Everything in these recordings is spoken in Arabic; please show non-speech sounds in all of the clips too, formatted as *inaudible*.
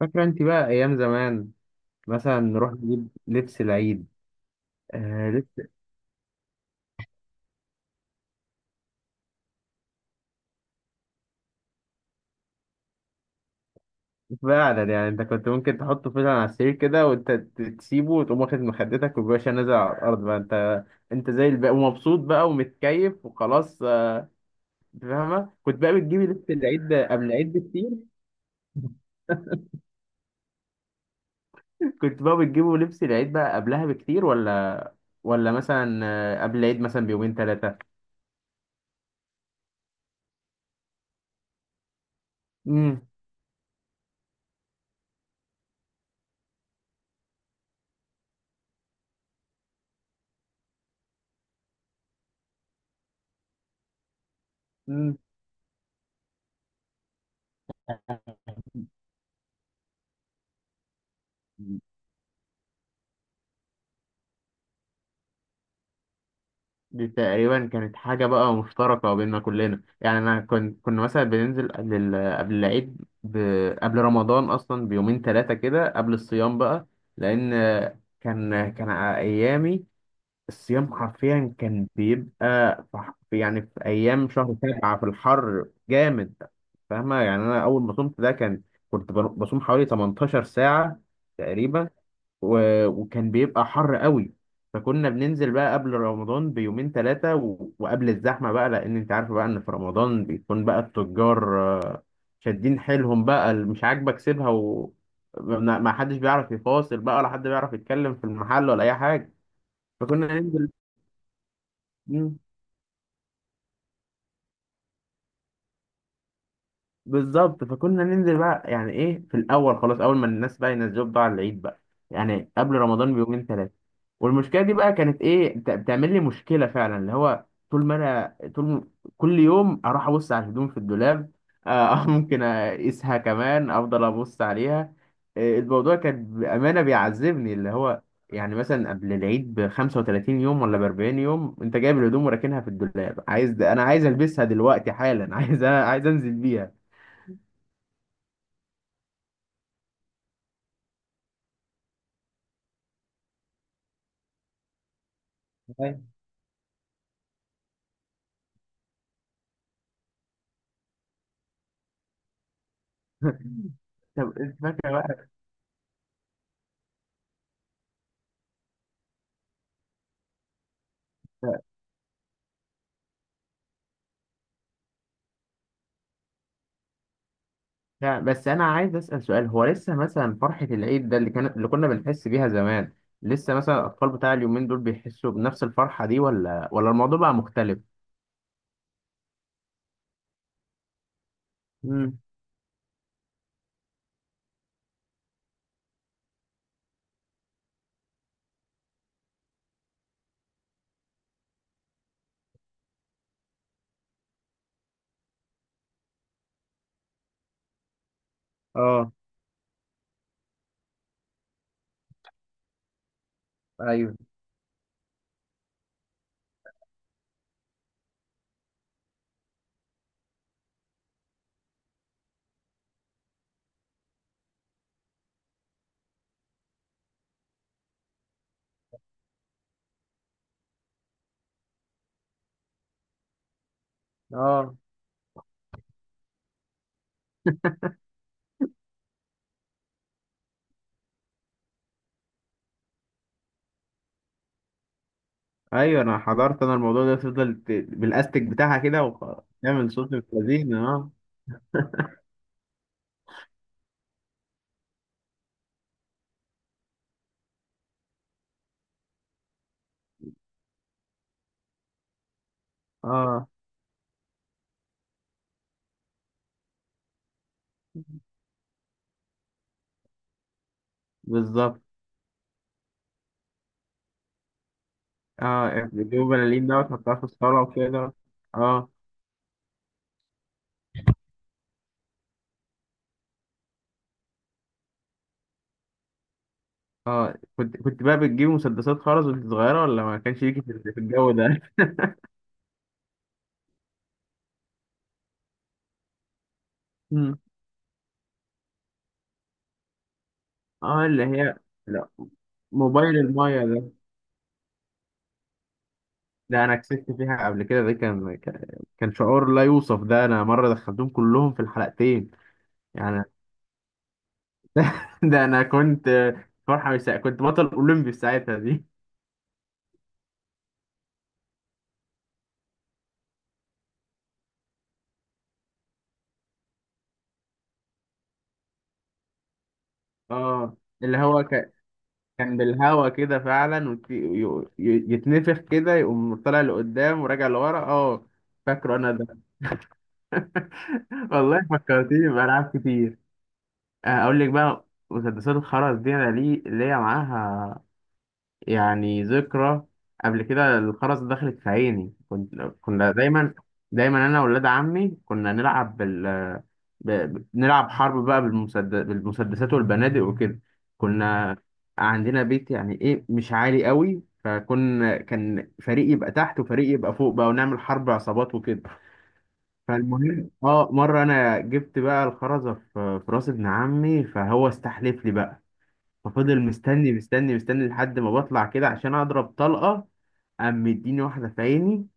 فاكرة انت بقى ايام زمان مثلا نروح نجيب لبس العيد. آه لبس. فعلا يعني انت كنت ممكن تحطه فعلا على السرير كده وانت تسيبه وتقوم واخد مخدتك وباشا نازل على الارض بقى انت. انت زي الباقي ومبسوط بقى ومتكيف وخلاص آه، انت فاهمة كنت بقى بتجيبي لبس العيد ده قبل العيد بكتير. *laughs* كنت بقى بتجيبوا لبس العيد بقى قبلها بكتير ولا مثلا آه، قبل العيد مثلا بيومين ثلاثة. امم. دي تقريبا كانت حاجة بقى مشتركة بيننا كلنا، يعني أنا كنت كنا مثلا بننزل قبل قبل العيد، ب... قبل رمضان أصلا بيومين ثلاثة كده قبل الصيام بقى، لأن كان أيامي الصيام حرفيا كان بيبقى يعني في أيام شهر سبعة في الحر جامد. فاهمة؟ يعني أنا أول ما صمت ده كان بصوم حوالي 18 ساعة تقريبا، وكان بيبقى حر قوي. فكنا بننزل بقى قبل رمضان بيومين ثلاثة وقبل الزحمة بقى، لأن أنت عارف بقى إن في رمضان بيكون بقى التجار آه، شادين حيلهم بقى، اللي مش عاجبك سيبها، و ما حدش بيعرف يفاصل بقى ولا حد بيعرف يتكلم في المحل ولا أي حاجة، فكنا ننزل. بالظبط فكنا ننزل بقى، يعني ايه، في الاول خلاص اول ما الناس بقى ينزلوا بقى على العيد بقى، يعني قبل رمضان بيومين ثلاثه. والمشكله دي بقى كانت ايه، بتعمل لي مشكله فعلا، اللي هو طول ما انا كل يوم اروح ابص على الهدوم في الدولاب آه *laughs* ممكن اقيسها كمان، افضل ابص عليها آه، الموضوع كان بامانه بيعذبني. اللي هو يعني مثلا قبل العيد ب 35 يوم ولا ب 40 يوم انت جايب الهدوم وراكنها في الدولاب، عايز عايز البسها دلوقتي حالا *laughs* عايز انزل بيها. أيوة. *laughs* طب انت فاكر بقى؟ لا بس انا عايز اسال سؤال، هو لسه مثلا فرحه العيد ده اللي كان اللي كنا بنحس بيها زمان، لسه مثلا الاطفال بتاع اليومين دول بيحسوا بنفس الفرحه دي ولا الموضوع بقى مختلف؟ امم. اه. ايوه. اه ايوه، انا حضرت انا الموضوع ده، تفضل بالاستيك بتاعها كده وتعمل صوت الفلازين اه. اه بالظبط. اه بيجيبوا بلالين ده وتحطها في الصاله وكده. اه. اه، كنت بقى بتجيب مسدسات خرز وانت صغيرة ولا ما كانش ليكي في الجو ده؟ مم. *laughs* اه اللي هي، لا موبايل المايه ده، ده انا كسبت فيها قبل كده، ده كان كان شعور لا يوصف، ده انا مرة دخلتهم كلهم في الحلقتين يعني *laughs* ده ده انا كنت فرحة مش سا... كنت بطل اولمبي في ساعتها دي. اه اللي كان بالهوا كده فعلا يتنفخ كده يقوم طالع لقدام وراجع لورا اه. فاكره انا *laughs* والله فكرتيني بألعاب كتير. آه، أقول لك بقى، مسدسات الخرز دي أنا ليا معاها يعني ذكرى. قبل كده الخرز دخلت في عيني، كنت كنا دايما أنا وولاد عمي كنا نلعب نلعب حرب بقى بالمسدسات والبنادق وكده. كنا عندنا بيت يعني إيه مش عالي قوي، فكنا كان فريق يبقى تحت وفريق يبقى فوق بقى ونعمل حرب عصابات وكده. فالمهم اه مره انا جبت بقى الخرزه في راس ابن عمي، فهو استحلف لي بقى، ففضل مستني مستني لحد ما بطلع كده عشان اضرب طلقه، قام مديني واحده في عيني.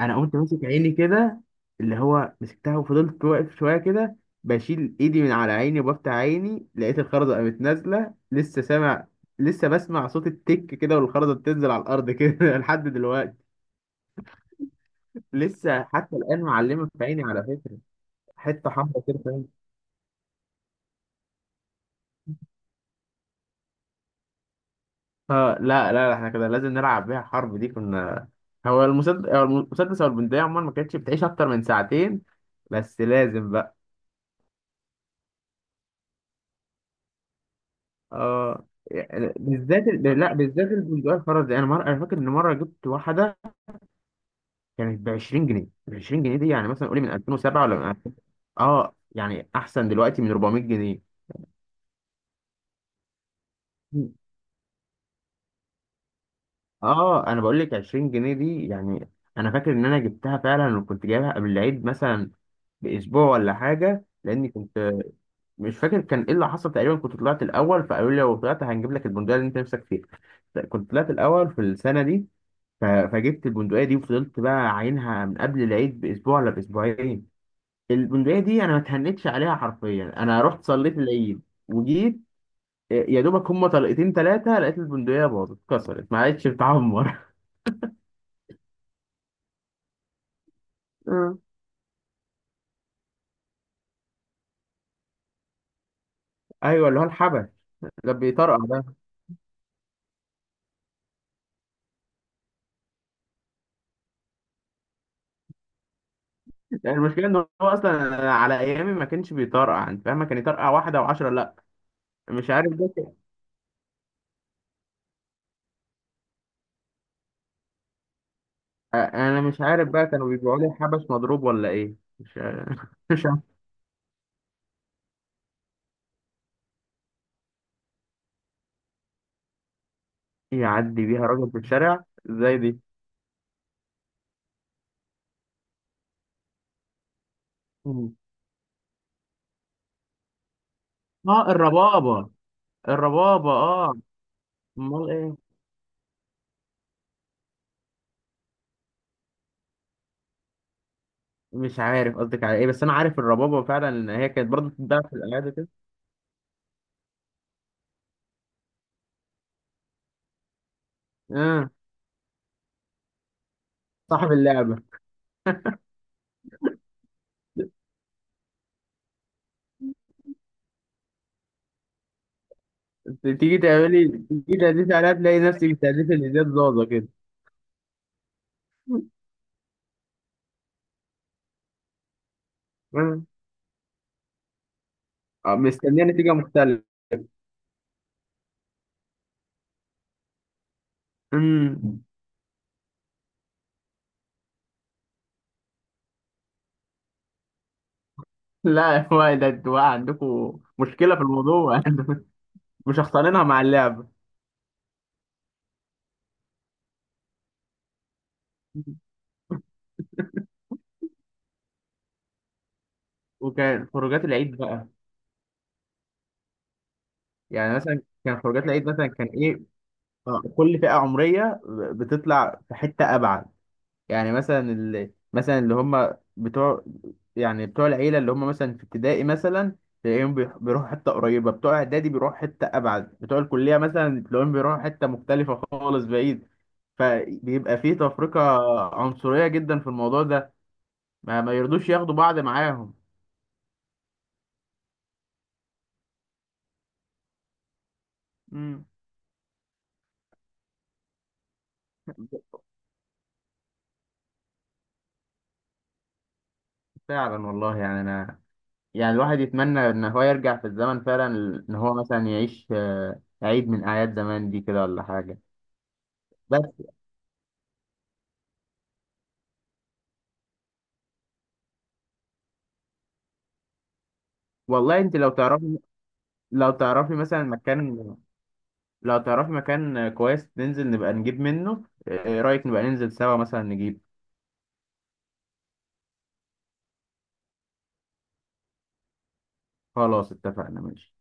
انا قمت ماسك عيني كده، اللي هو مسكتها وفضلت واقف شويه كده، بشيل ايدي من على عيني وبفتح عيني، لقيت الخرزه قامت نازله، لسه سامع لسه بسمع صوت التك كده والخرزه بتنزل على الارض كده *laughs* لحد دلوقتي. لسه حتى الان معلمه في عيني على فكره، حته حمرا كده. اه لا لا لا، احنا كده لازم نلعب بيها حرب دي كنا. هو المسدس او البندقية عموما ما كانتش بتعيش اكتر من ساعتين، بس لازم بقى. اه يعني بالذات لا بالذات البندقية الفرزي، انا مرة انا فاكر ان مرة جبت واحدة كانت ب 20 جنيه. ال 20 جنيه دي يعني مثلا قولي من 2007 ولا من 2000. اه يعني احسن دلوقتي من 400 جنيه. اه انا بقول لك 20 جنيه دي يعني انا فاكر ان انا جبتها فعلا، وكنت جايبها قبل العيد مثلا باسبوع ولا حاجة، لاني كنت مش فاكر كان ايه اللي حصل. تقريبا كنت طلعت الاول، فقالوا لي لو طلعت هنجيب لك البندقيه اللي انت نفسك فيها، كنت طلعت الاول في السنه دي. فجبت البندقيه دي وفضلت بقى عاينها من قبل العيد باسبوع ولا باسبوعين. البندقيه دي انا ما اتهنتش عليها حرفيا، انا رحت صليت العيد وجيت إيه، يا دوبك هما طلقتين ثلاثه لقيت البندقيه باظت اتكسرت ما عادش بتعمر. اه *laughs* ايوه اللي هو الحبش، ده بيطرقع ده. يعني المشكله ان هو اصلا على ايامي ما كانش بيطرقع، انت فاهمه، كان يطرقع واحده وعشرة، لا مش عارف ده. انا مش عارف بقى كانوا بيبيعوا لي حبس مضروب ولا ايه، مش *laughs* مش عارف. يعدي بيها راجل في الشارع زي دي؟ مم. اه الربابة. الربابة اه، امال ايه؟ مش عارف قصدك على ايه، بس انا عارف الربابة فعلا ان هي كانت برضه بتتباع في الالعاب كده. اه صاحب اللعبة. تيجي تهدفي عليها تلاقي نفسك بتهدفي اللي زياد زازا كده آه. آه، مستنيه نتيجة مختلفة. مم. لا *laughs* هو ده انتوا بقى عندكم مشكلة في الموضوع، *laughs* مش هختارينها مع اللعبة. وكان خروجات العيد بقى، يعني مثلا كان خروجات العيد مثلا كان ايه، آه، كل فئة عمرية بتطلع في حتة أبعد. يعني مثلا اللي هم بتوع يعني بتوع العيلة، اللي هم مثلا في ابتدائي مثلا تلاقيهم بيروحوا حتة قريبة، بتوع إعدادي بيروحوا حتة أبعد، بتوع الكلية مثلا تلاقيهم بيروحوا حتة مختلفة خالص بعيد. فبيبقى فيه تفرقة عنصرية جدا في الموضوع ده، ما يرضوش ياخدوا بعض معاهم. امم. فعلا والله، يعني أنا يعني الواحد يتمنى ان هو يرجع في الزمن فعلا، ان هو مثلا يعيش آه، عيد من اعياد زمان دي كده ولا حاجه. بس والله انت لو تعرفي، لو تعرفي مثلا مكان لو تعرفي مكان كويس ننزل نبقى نجيب منه آه، ايه رايك نبقى ننزل سوا مثلا نجيب. خلاص اتفقنا ماشي.